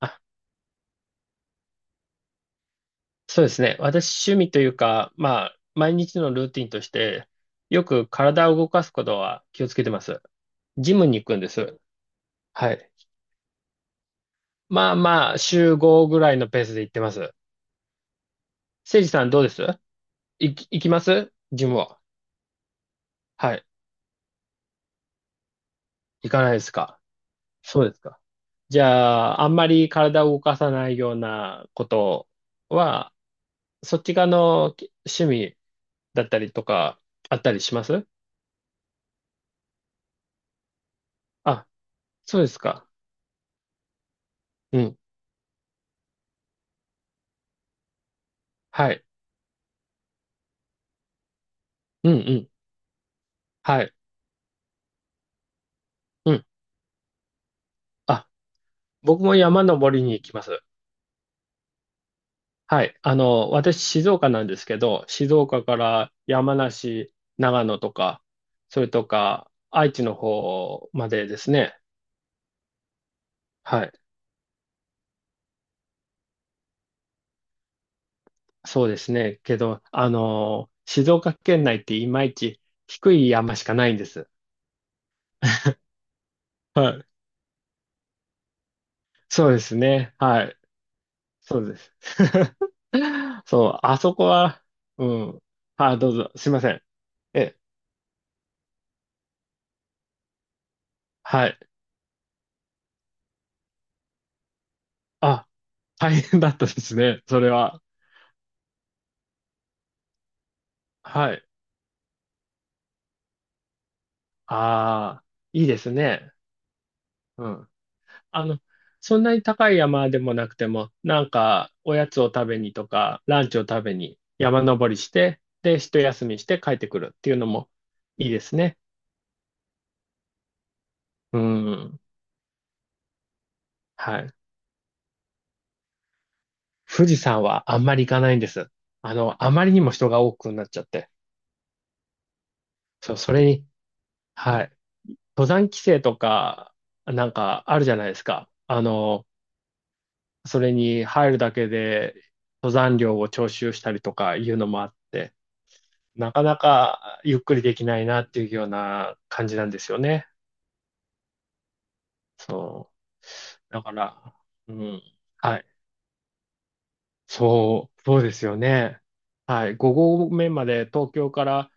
あ、そうですね。私、趣味というか、毎日のルーティンとして、よく体を動かすことは気をつけてます。ジムに行くんです。はい。まあまあ、週5ぐらいのペースで行ってます。せいじさんどうです？行きますジムは。はい。行かないですか？そうですか。じゃあ、あんまり体を動かさないようなことは、そっち側のき趣味だったりとか、あったりします？あ、そうですか。うん。はい。うんうん。はい。うん。あ、僕も山登りに行きます。はい。あの、私、静岡なんですけど、静岡から山梨、長野とか、それとか、愛知の方までですね。はい。そうですね。けど、あの、静岡県内っていまいち低い山しかないんです。はい。そうですね。はい。そうです。そう、あそこは、うん。あ、どうぞ。すいません。え、はい。あ、大変だったですね、それは。はい。ああ、いいですね。うん。あの、そんなに高い山でもなくても、なんか、おやつを食べにとか、ランチを食べに山登りして、で、一休みして帰ってくるっていうのもいいですね。うん。はい。富士山はあんまり行かないんです。あの、あまりにも人が多くなっちゃって。そう、それに、はい。登山規制とか、なんかあるじゃないですか。あの、それに入るだけで登山料を徴収したりとかいうのもあって、なかなかゆっくりできないなっていうような感じなんですよね。そう。だから、うん。はい。そう、そうですよね。はい。5合目まで東京から、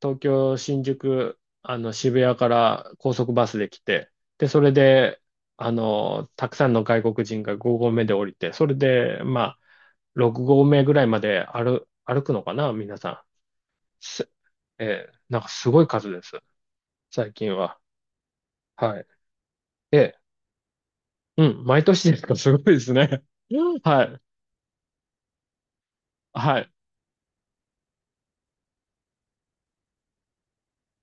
東京、新宿、あの、渋谷から高速バスで来て、で、それで、あの、たくさんの外国人が5合目で降りて、それで、まあ、6合目ぐらいまで歩くのかな、皆さん。す、なんかすごい数です。最近は。はい。えーうん、毎年ですか、すごいですね。はい。はい。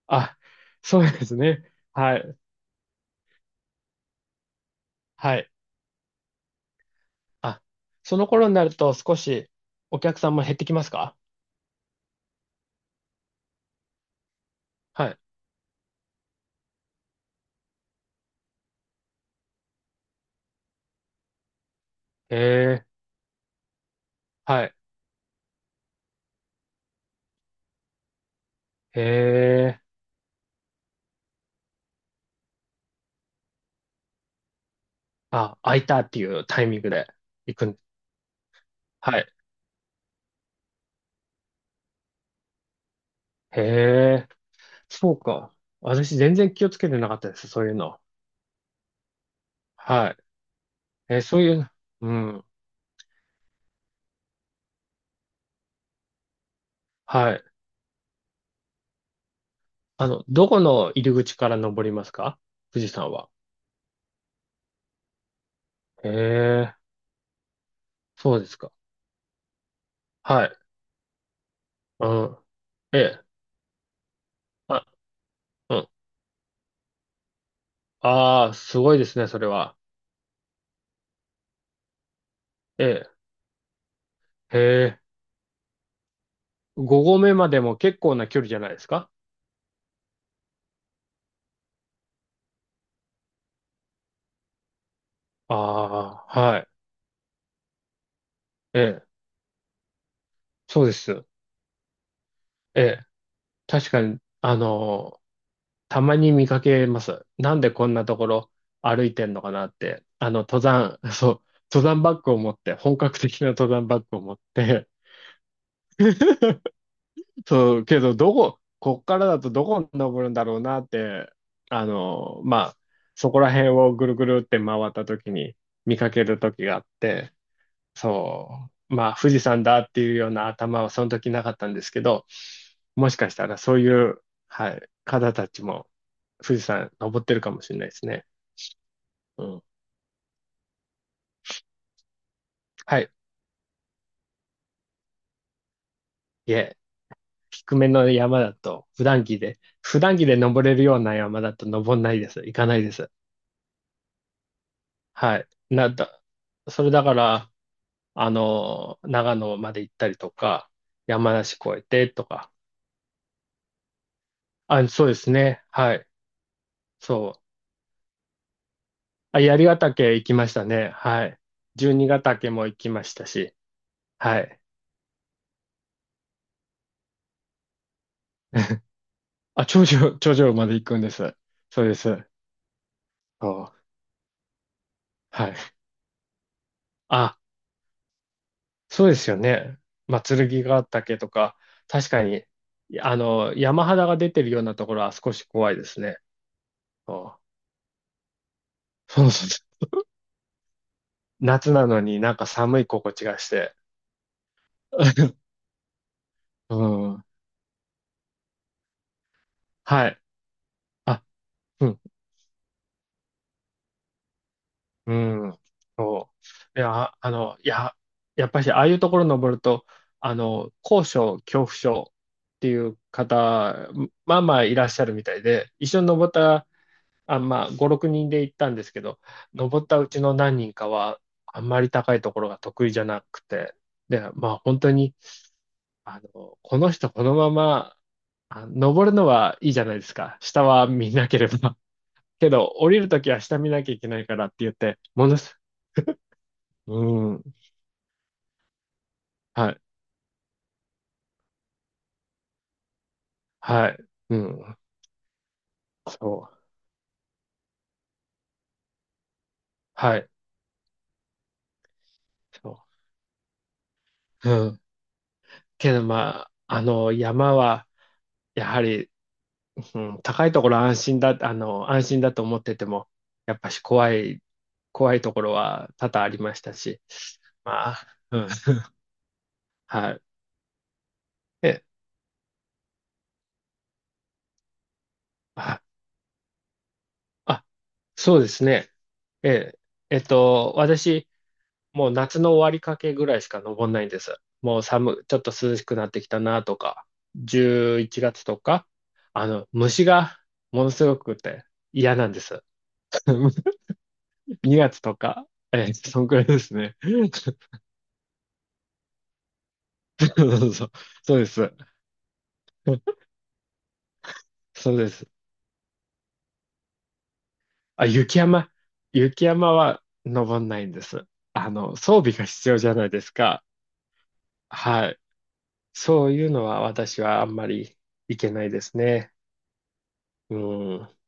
あ、そうですね。はい。はい。あ、その頃になると少しお客さんも減ってきますか？はい。へえ、はい。へえ、あ、空いたっていうタイミングで行くん。はい。へえ、そうか。私全然気をつけてなかったです、そういうの。はい。え、そういう、うん。はい。あの、どこの入り口から登りますか、富士山は？へえ、そうですか。はい。うん。ええ。あ、うん。ああ、すごいですね、それは。ええ。へえ。5合目までも結構な距離じゃないですか？ああ、はい。ええ、そうです。ええ、確かに、たまに見かけます。なんでこんなところ歩いてんのかなって。あの、登山、そう、登山バッグを持って、本格的な登山バッグを持って、そう、けど、どこ、こっからだとどこに登るんだろうなって、まあ、そこら辺をぐるぐるって回った時に見かける時があって、そう、まあ富士山だっていうような頭はその時なかったんですけど、もしかしたらそういう、はい、方たちも富士山登ってるかもしれないですね。うん。はい。いえ、低めの山だと、普段着で登れるような山だと登んないです。行かないです。はい。なんだ、それだから、あの、長野まで行ったりとか、山梨越えてとか、あ、そうですね。はい。そう。あ、槍ヶ岳行きましたね。はい。十二ヶ岳も行きましたし。はい。あ、頂上まで行くんです。そうです。そう。はい。あ、そうですよね。まあ、剣ヶ岳とか、確かに、あの、山肌が出てるようなところは少し怖いですね。そう。そうそうそう。夏なのになんか寒い心地がして。うん。はい。あ、うん。うん、そう。いや、あの、いや、やっぱし、ああいうところ登ると、あの、高所恐怖症っていう方、まあまあいらっしゃるみたいで、一緒に登った、あ、まあ、5、6人で行ったんですけど、登ったうちの何人かは、あんまり高いところが得意じゃなくて、で、まあ、本当に、あの、この人、このまま、あ、登るのはいいじゃないですか。下は見なければ。けど、降りるときは下見なきゃいけないからって言って、ものす、うん。はい。はい。うん。そう。はい。そう。うん。けど、まあ、あの、山は、やはり、うん、高いところ安心だ、あの、安心だと思ってても、やっぱし怖い、怖いところは多々ありましたし、まあ、うん。はい。え、あ、あ、そうですね。え、私、もう夏の終わりかけぐらいしか登んないんです。もう寒、ちょっと涼しくなってきたなとか、11月とか、あの、虫がものすごくて嫌なんです。2月とか、そんくらいですね。そうそうそう、そうです。そうです。あ、雪山は登んないんです。あの、装備が必要じゃないですか。はい。そういうのは私はあんまりいけないですね。うん。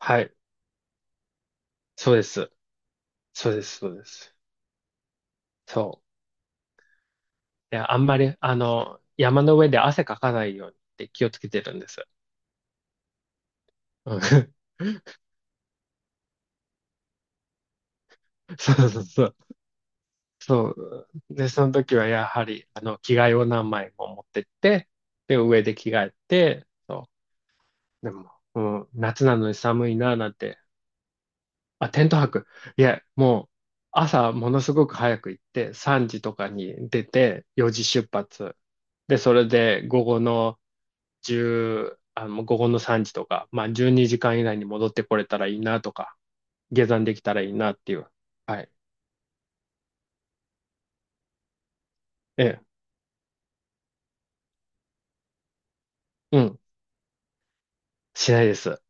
はい。そうです。そうです、そうです。そう。いや、あんまり、あの、山の上で汗かかないようにって気をつけてるんです。うん。 そうそうそう。そう。で、その時はやはり、あの、着替えを何枚も持ってって、で、上で着替えて、そう。でも、うん、夏なのに寒いな、なんて、あ、テント泊。いや、もう、朝ものすごく早く行って、3時とかに出て、4時出発。で、それで午後の1、あの、午後の3時とか、まあ12時間以内に戻ってこれたらいいなとか、下山できたらいいなっていう。はい。ええ。うん。しないです。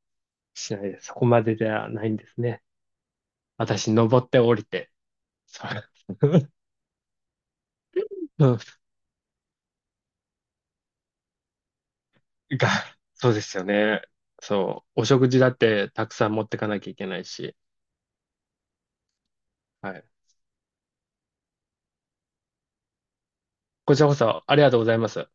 しないです。そこまでではないんですね。私、登って降りて。そう。うん。が、そうですよね。そう。お食事だってたくさん持ってかなきゃいけないし。はい。こちらこそありがとうございます。